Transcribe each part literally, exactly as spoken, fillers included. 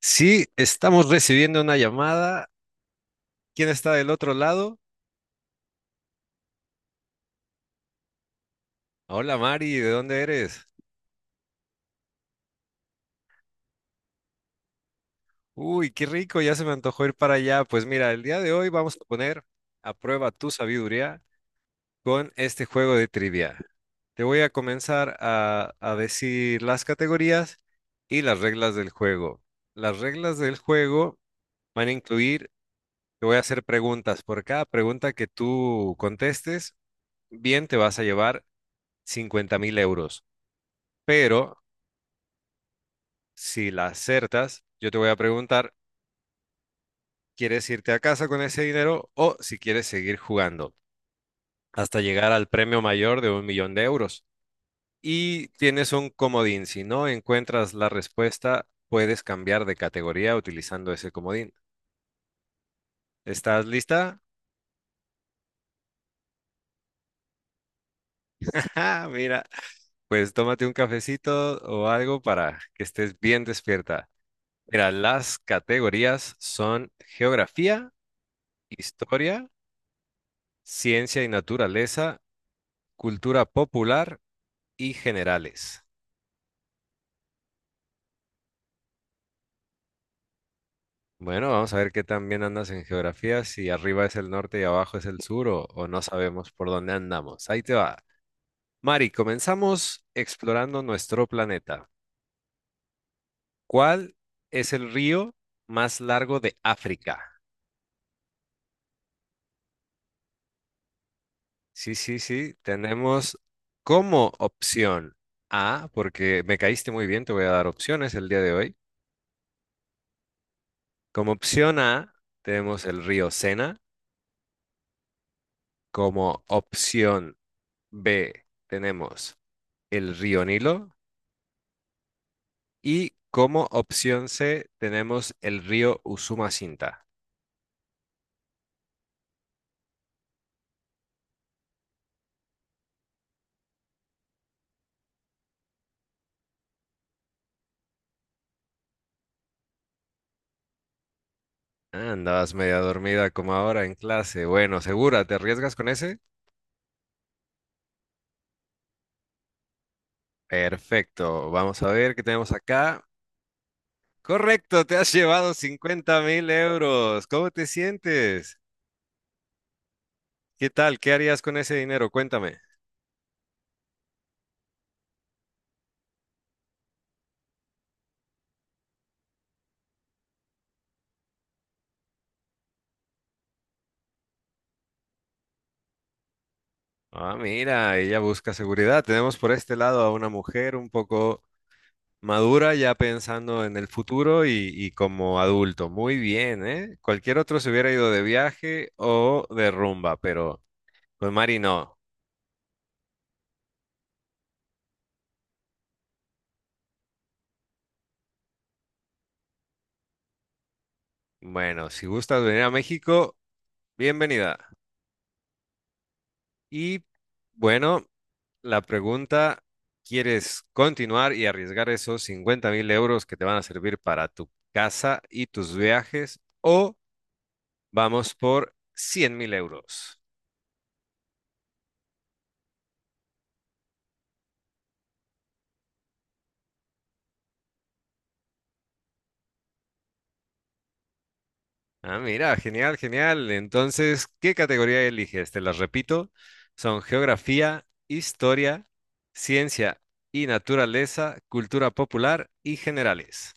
Sí, estamos recibiendo una llamada. ¿Quién está del otro lado? Hola Mari, ¿de dónde eres? Uy, qué rico, ya se me antojó ir para allá. Pues mira, el día de hoy vamos a poner a prueba tu sabiduría con este juego de trivia. Te voy a comenzar a, a decir las categorías y las reglas del juego. Las reglas del juego van a incluir, te voy a hacer preguntas. Por cada pregunta que tú contestes, bien te vas a llevar cincuenta mil euros. Pero si la acertas, yo te voy a preguntar, ¿quieres irte a casa con ese dinero o si quieres seguir jugando hasta llegar al premio mayor de un millón de euros? Y tienes un comodín. Si no encuentras la respuesta, puedes cambiar de categoría utilizando ese comodín. ¿Estás lista? Ah, mira, pues tómate un cafecito o algo para que estés bien despierta. Mira, las categorías son geografía, historia, ciencia y naturaleza, cultura popular y generales. Bueno, vamos a ver qué tan bien andas en geografía, si arriba es el norte y abajo es el sur o, o no sabemos por dónde andamos. Ahí te va. Mari, comenzamos explorando nuestro planeta. ¿Cuál es el río más largo de África? Sí, sí, sí, tenemos como opción A, porque me caíste muy bien, te voy a dar opciones el día de hoy. Como opción A, tenemos el río Sena. Como opción B, tenemos el río Nilo y como opción C tenemos el río Usumacinta. Ah, andabas media dormida como ahora en clase. Bueno, segura, ¿te arriesgas con ese? Perfecto, vamos a ver qué tenemos acá. Correcto, te has llevado cincuenta mil euros. ¿Cómo te sientes? ¿Qué tal? ¿Qué harías con ese dinero? Cuéntame. Ah, mira, ella busca seguridad. Tenemos por este lado a una mujer un poco madura ya pensando en el futuro y, y como adulto. Muy bien, ¿eh? Cualquier otro se hubiera ido de viaje o de rumba, pero pues Mari no. Bueno, si gustas venir a México, bienvenida. Y bueno, la pregunta, ¿quieres continuar y arriesgar esos cincuenta mil euros que te van a servir para tu casa y tus viajes o vamos por cien mil euros? Ah, mira, genial, genial. Entonces, ¿qué categoría eliges? Te las repito. Son geografía, historia, ciencia y naturaleza, cultura popular y generales.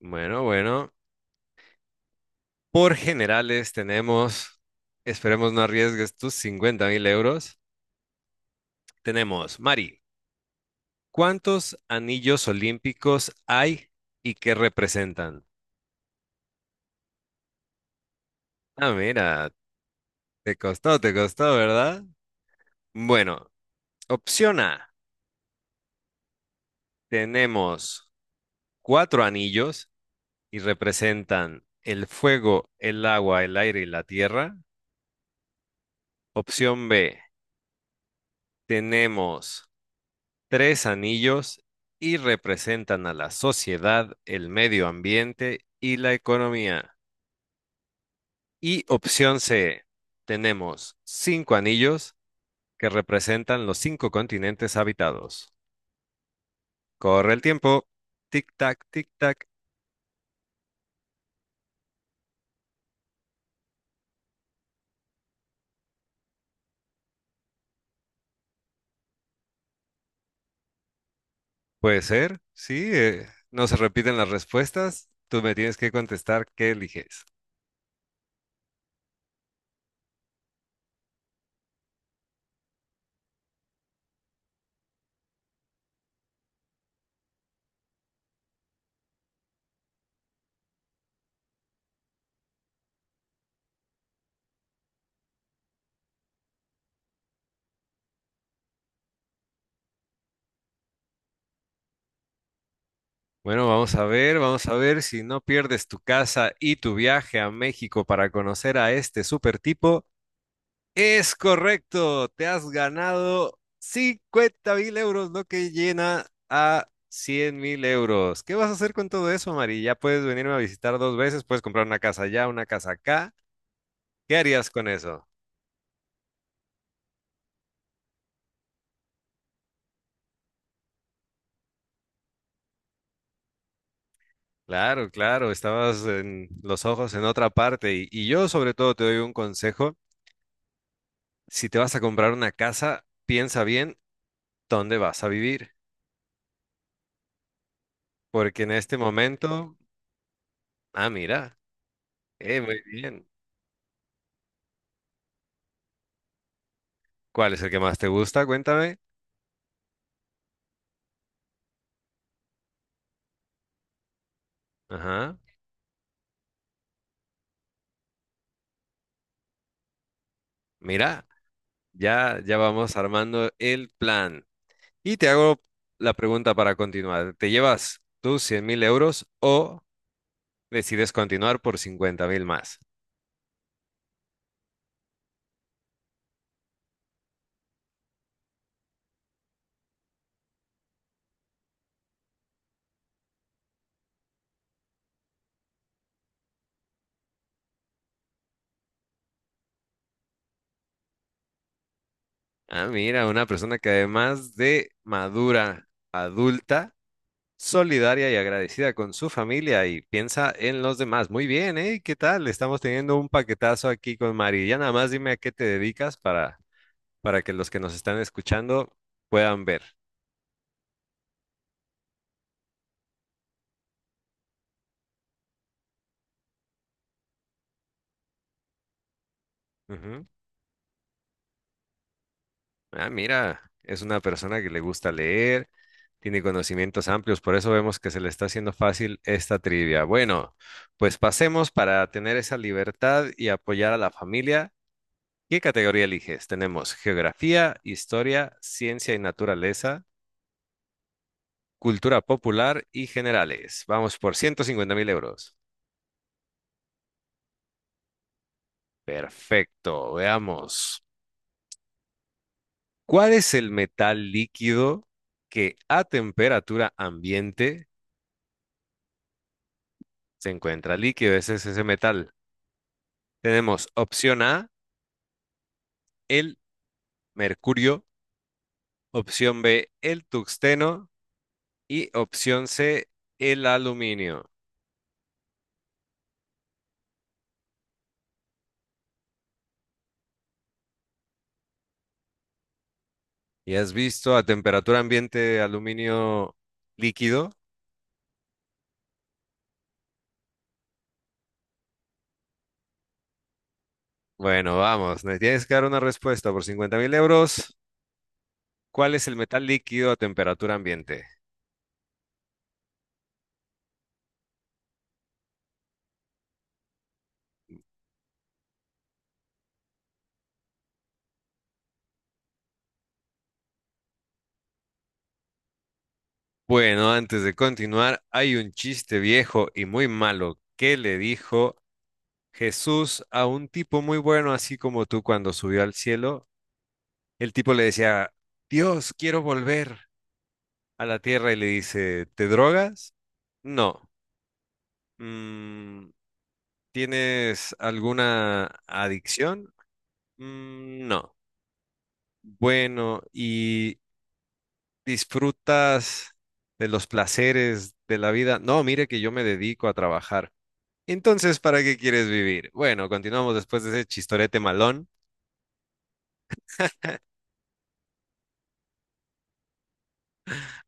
Bueno, bueno. Por generales tenemos, esperemos no arriesgues tus cincuenta mil euros. Tenemos, Mari, ¿cuántos anillos olímpicos hay y qué representan? Ah, mira, te costó, te costó, ¿verdad? Bueno, opción A, tenemos cuatro anillos y representan el fuego, el agua, el aire y la tierra. Opción B, tenemos tres anillos y representan a la sociedad, el medio ambiente y la economía. Y opción C, tenemos cinco anillos que representan los cinco continentes habitados. Corre el tiempo. Tic-tac, tic-tac. Puede ser, sí. Eh, no se repiten las respuestas. Tú me tienes que contestar qué eliges. Bueno, vamos a ver, vamos a ver si no pierdes tu casa y tu viaje a México para conocer a este super tipo. Es correcto, te has ganado cincuenta mil euros, lo que llena a cien mil euros. ¿Qué vas a hacer con todo eso, Mari? Ya puedes venirme a visitar dos veces, puedes comprar una casa allá, una casa acá. ¿Qué harías con eso? Claro, claro, estabas en los ojos en otra parte y, y yo sobre todo te doy un consejo. Si te vas a comprar una casa, piensa bien dónde vas a vivir. Porque en este momento, ah, mira, eh, muy bien. ¿Cuál es el que más te gusta? Cuéntame. Ajá, mira, ya, ya vamos armando el plan. Y te hago la pregunta para continuar. ¿Te llevas tus cien mil euros o decides continuar por cincuenta mil más? Ah, mira, una persona que además de madura, adulta, solidaria y agradecida con su familia y piensa en los demás. Muy bien, ¿eh? ¿Qué tal? Estamos teniendo un paquetazo aquí con Mari. Ya nada más dime a qué te dedicas para, para que los que nos están escuchando puedan ver. Ujú. Ah, mira, es una persona que le gusta leer, tiene conocimientos amplios, por eso vemos que se le está haciendo fácil esta trivia. Bueno, pues pasemos para tener esa libertad y apoyar a la familia. ¿Qué categoría eliges? Tenemos geografía, historia, ciencia y naturaleza, cultura popular y generales. Vamos por ciento cincuenta mil euros. Perfecto, veamos. ¿Cuál es el metal líquido que a temperatura ambiente se encuentra líquido? Ese es ese metal. Tenemos opción A, el mercurio, opción B, el tuxteno y opción C, el aluminio. ¿Y has visto a temperatura ambiente aluminio líquido? Bueno, vamos, me tienes que dar una respuesta por cincuenta mil euros. ¿Cuál es el metal líquido a temperatura ambiente? Bueno, antes de continuar, hay un chiste viejo y muy malo que le dijo Jesús a un tipo muy bueno, así como tú cuando subió al cielo. El tipo le decía, Dios, quiero volver a la tierra y le dice, ¿te drogas? No. "Mm, ¿tienes alguna adicción?" "Mm, no." Bueno, ¿y disfrutas de los placeres de la vida? No, mire que yo me dedico a trabajar. Entonces, ¿para qué quieres vivir? Bueno, continuamos después de ese chistorete malón.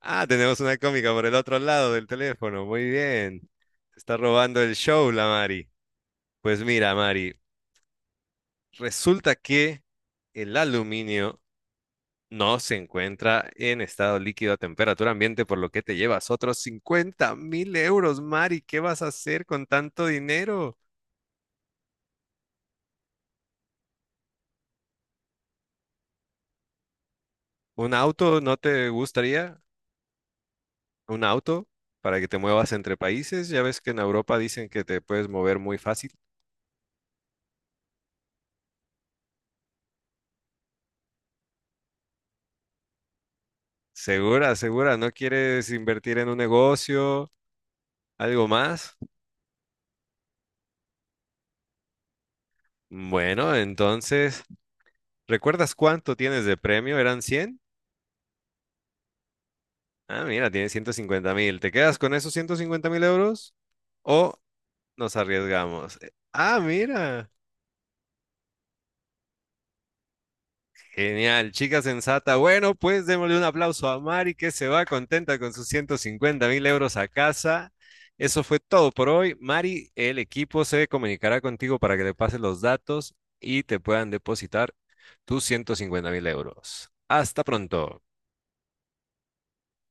Ah, tenemos una cómica por el otro lado del teléfono. Muy bien. Se está robando el show, la Mari. Pues mira, Mari, resulta que el aluminio no se encuentra en estado líquido a temperatura ambiente, por lo que te llevas otros cincuenta mil euros, Mari. ¿Qué vas a hacer con tanto dinero? ¿Un auto no te gustaría? ¿Un auto para que te muevas entre países? Ya ves que en Europa dicen que te puedes mover muy fácil. Segura, segura, ¿no quieres invertir en un negocio? ¿Algo más? Bueno, entonces, ¿recuerdas cuánto tienes de premio? ¿Eran cien? Ah, mira, tienes ciento cincuenta mil. ¿Te quedas con esos ciento cincuenta mil euros o nos arriesgamos? Eh, Ah, mira. Genial, chica sensata. Bueno, pues démosle un aplauso a Mari que se va contenta con sus ciento cincuenta mil euros a casa. Eso fue todo por hoy. Mari, el equipo se comunicará contigo para que le pases los datos y te puedan depositar tus ciento cincuenta mil euros. Hasta pronto.